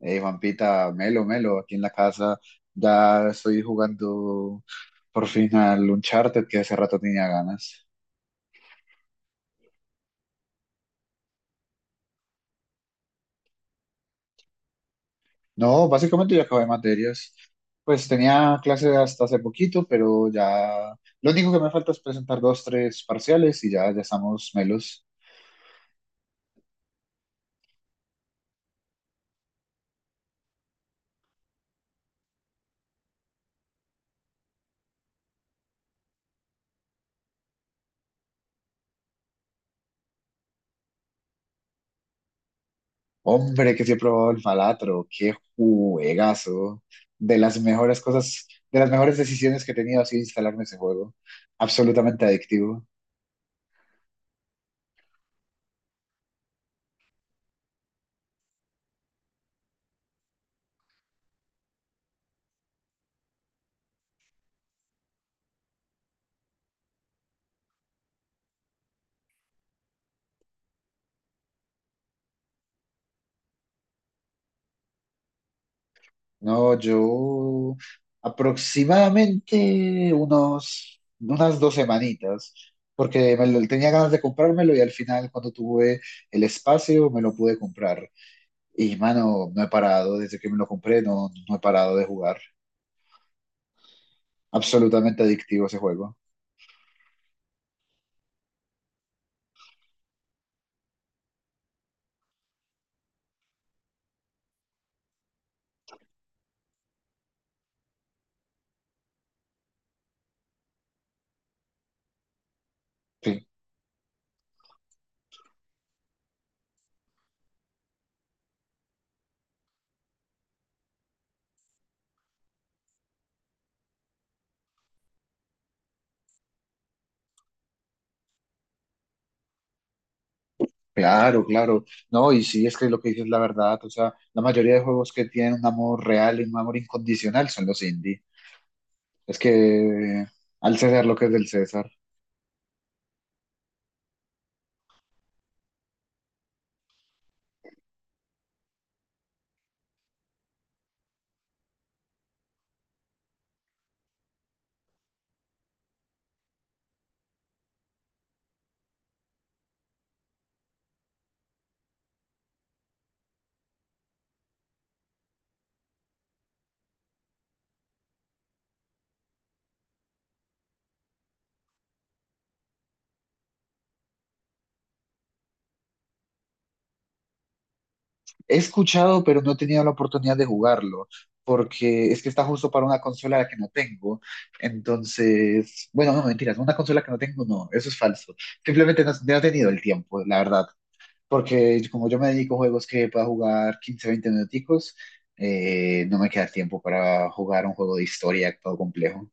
Hey, Juanpita, Melo, Melo, aquí en la casa ya estoy jugando por fin al Uncharted que hace rato tenía ganas. No, básicamente ya acabé materias. Pues tenía clase hasta hace poquito, pero ya lo único que me falta es presentar dos, tres parciales y ya, ya estamos melos. Hombre, que sí he probado el Falatro, qué juegazo. De las mejores cosas, de las mejores decisiones que he tenido ha sido instalarme ese juego. Absolutamente adictivo. No, yo aproximadamente unos, unas dos semanitas, porque tenía ganas de comprármelo y al final cuando tuve el espacio me lo pude comprar. Y mano, no he parado, desde que me lo compré no he parado de jugar. Absolutamente adictivo ese juego. Sí, claro, claro. No, y sí, es que lo que dices es la verdad. O sea, la mayoría de juegos que tienen un amor real y un amor incondicional son los indie. Es que al César lo que es del César. He escuchado, pero no he tenido la oportunidad de jugarlo, porque es que está justo para una consola que no tengo. Entonces, bueno, no, mentiras, una consola que no tengo, no, eso es falso. Simplemente no he tenido el tiempo, la verdad, porque como yo me dedico a juegos que pueda jugar 15 20 minuticos, no me queda tiempo para jugar un juego de historia todo complejo.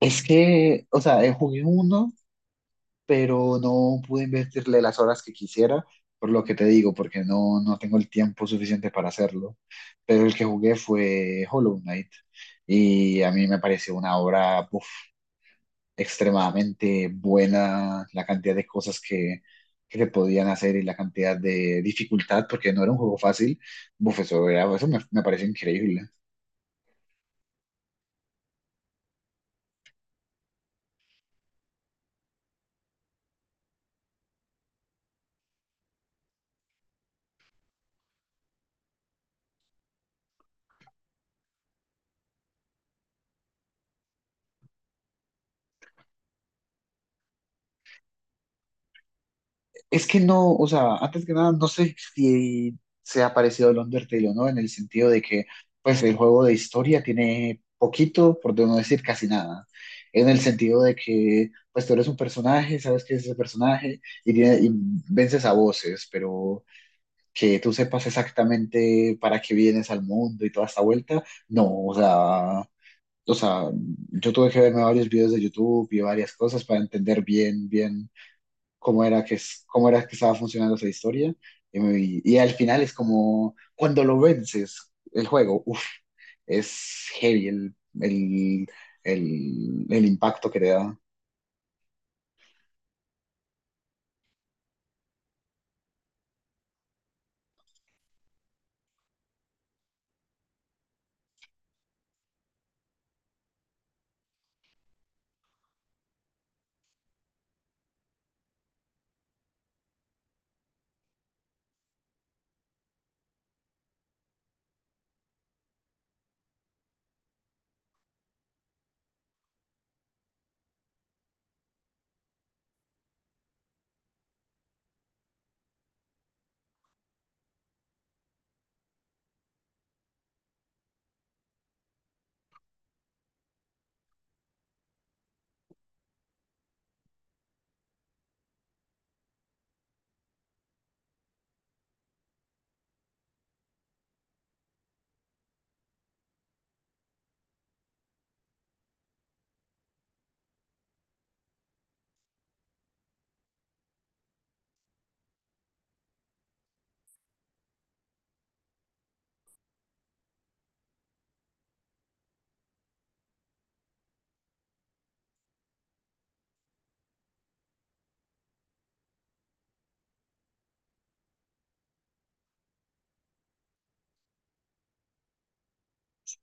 Es que, o sea, jugué uno pero no pude invertirle las horas que quisiera, por lo que te digo, porque no tengo el tiempo suficiente para hacerlo. Pero el que jugué fue Hollow Knight y a mí me pareció una obra uf, extremadamente buena, la cantidad de cosas que se podían hacer y la cantidad de dificultad, porque no era un juego fácil. Uf, eso, eso me pareció increíble. Es que no, o sea, antes que nada, no sé si se ha parecido el Undertale o no, en el sentido de que, pues, el juego de historia tiene poquito, por no decir casi nada, en el sentido de que, pues, tú eres un personaje, sabes que es ese personaje y, y vences a voces, pero que tú sepas exactamente para qué vienes al mundo y toda esta vuelta, no, o sea, yo tuve que verme varios videos de YouTube y varias cosas para entender bien, bien cómo era cómo era que estaba funcionando esa historia. Y, me- y al final es como, cuando lo vences, el juego, uff, es heavy el, el impacto que te da.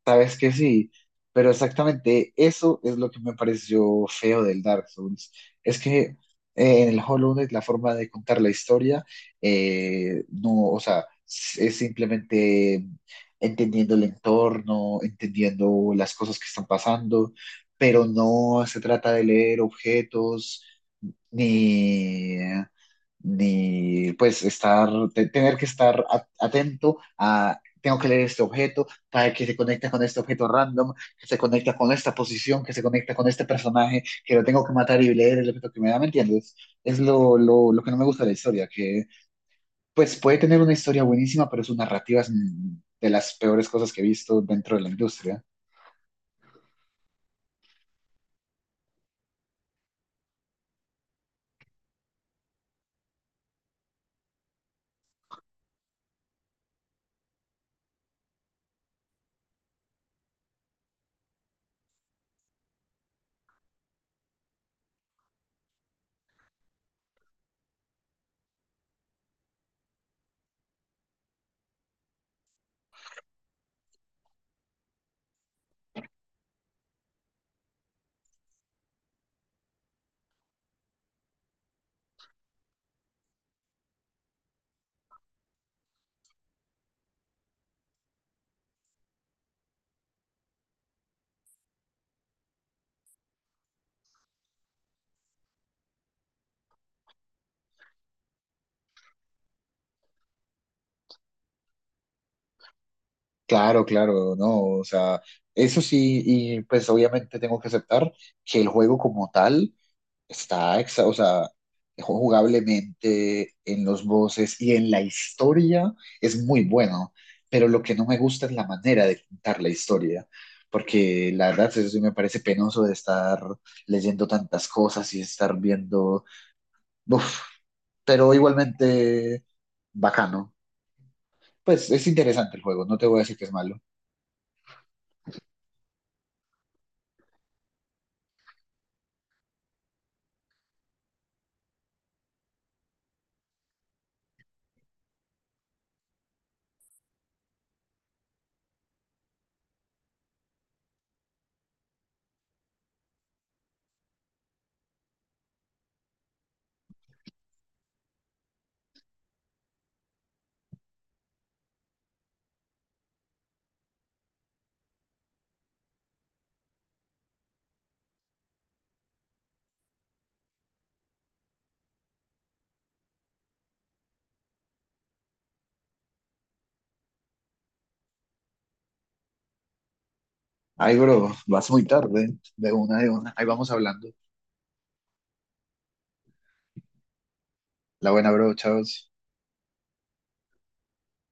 Sabes que sí, pero exactamente eso es lo que me pareció feo del Dark Souls. Es que en el Hollow Knight la forma de contar la historia, no, o sea, es simplemente entendiendo el entorno, entendiendo las cosas que están pasando, pero no se trata de leer objetos ni, ni pues tener que estar atento a, tengo que leer este objeto para que se conecta con este objeto random, que se conecta con esta posición, que se conecta con este personaje, que lo tengo que matar y leer el objeto que me da, ¿me entiendes? Es lo que no me gusta de la historia, que pues puede tener una historia buenísima, pero su narrativa es de las peores cosas que he visto dentro de la industria. Claro, claro, no, o sea, eso sí, y pues obviamente tengo que aceptar que el juego como tal o sea, jugablemente en los voces y en la historia es muy bueno, pero lo que no me gusta es la manera de contar la historia, porque la verdad eso sí me parece penoso de estar leyendo tantas cosas y estar viendo, uf, pero igualmente bacano. Pues es interesante el juego, no te voy a decir que es malo. Ay, bro, vas muy tarde, de una, de una. Ahí vamos hablando. La buena, bro, chao.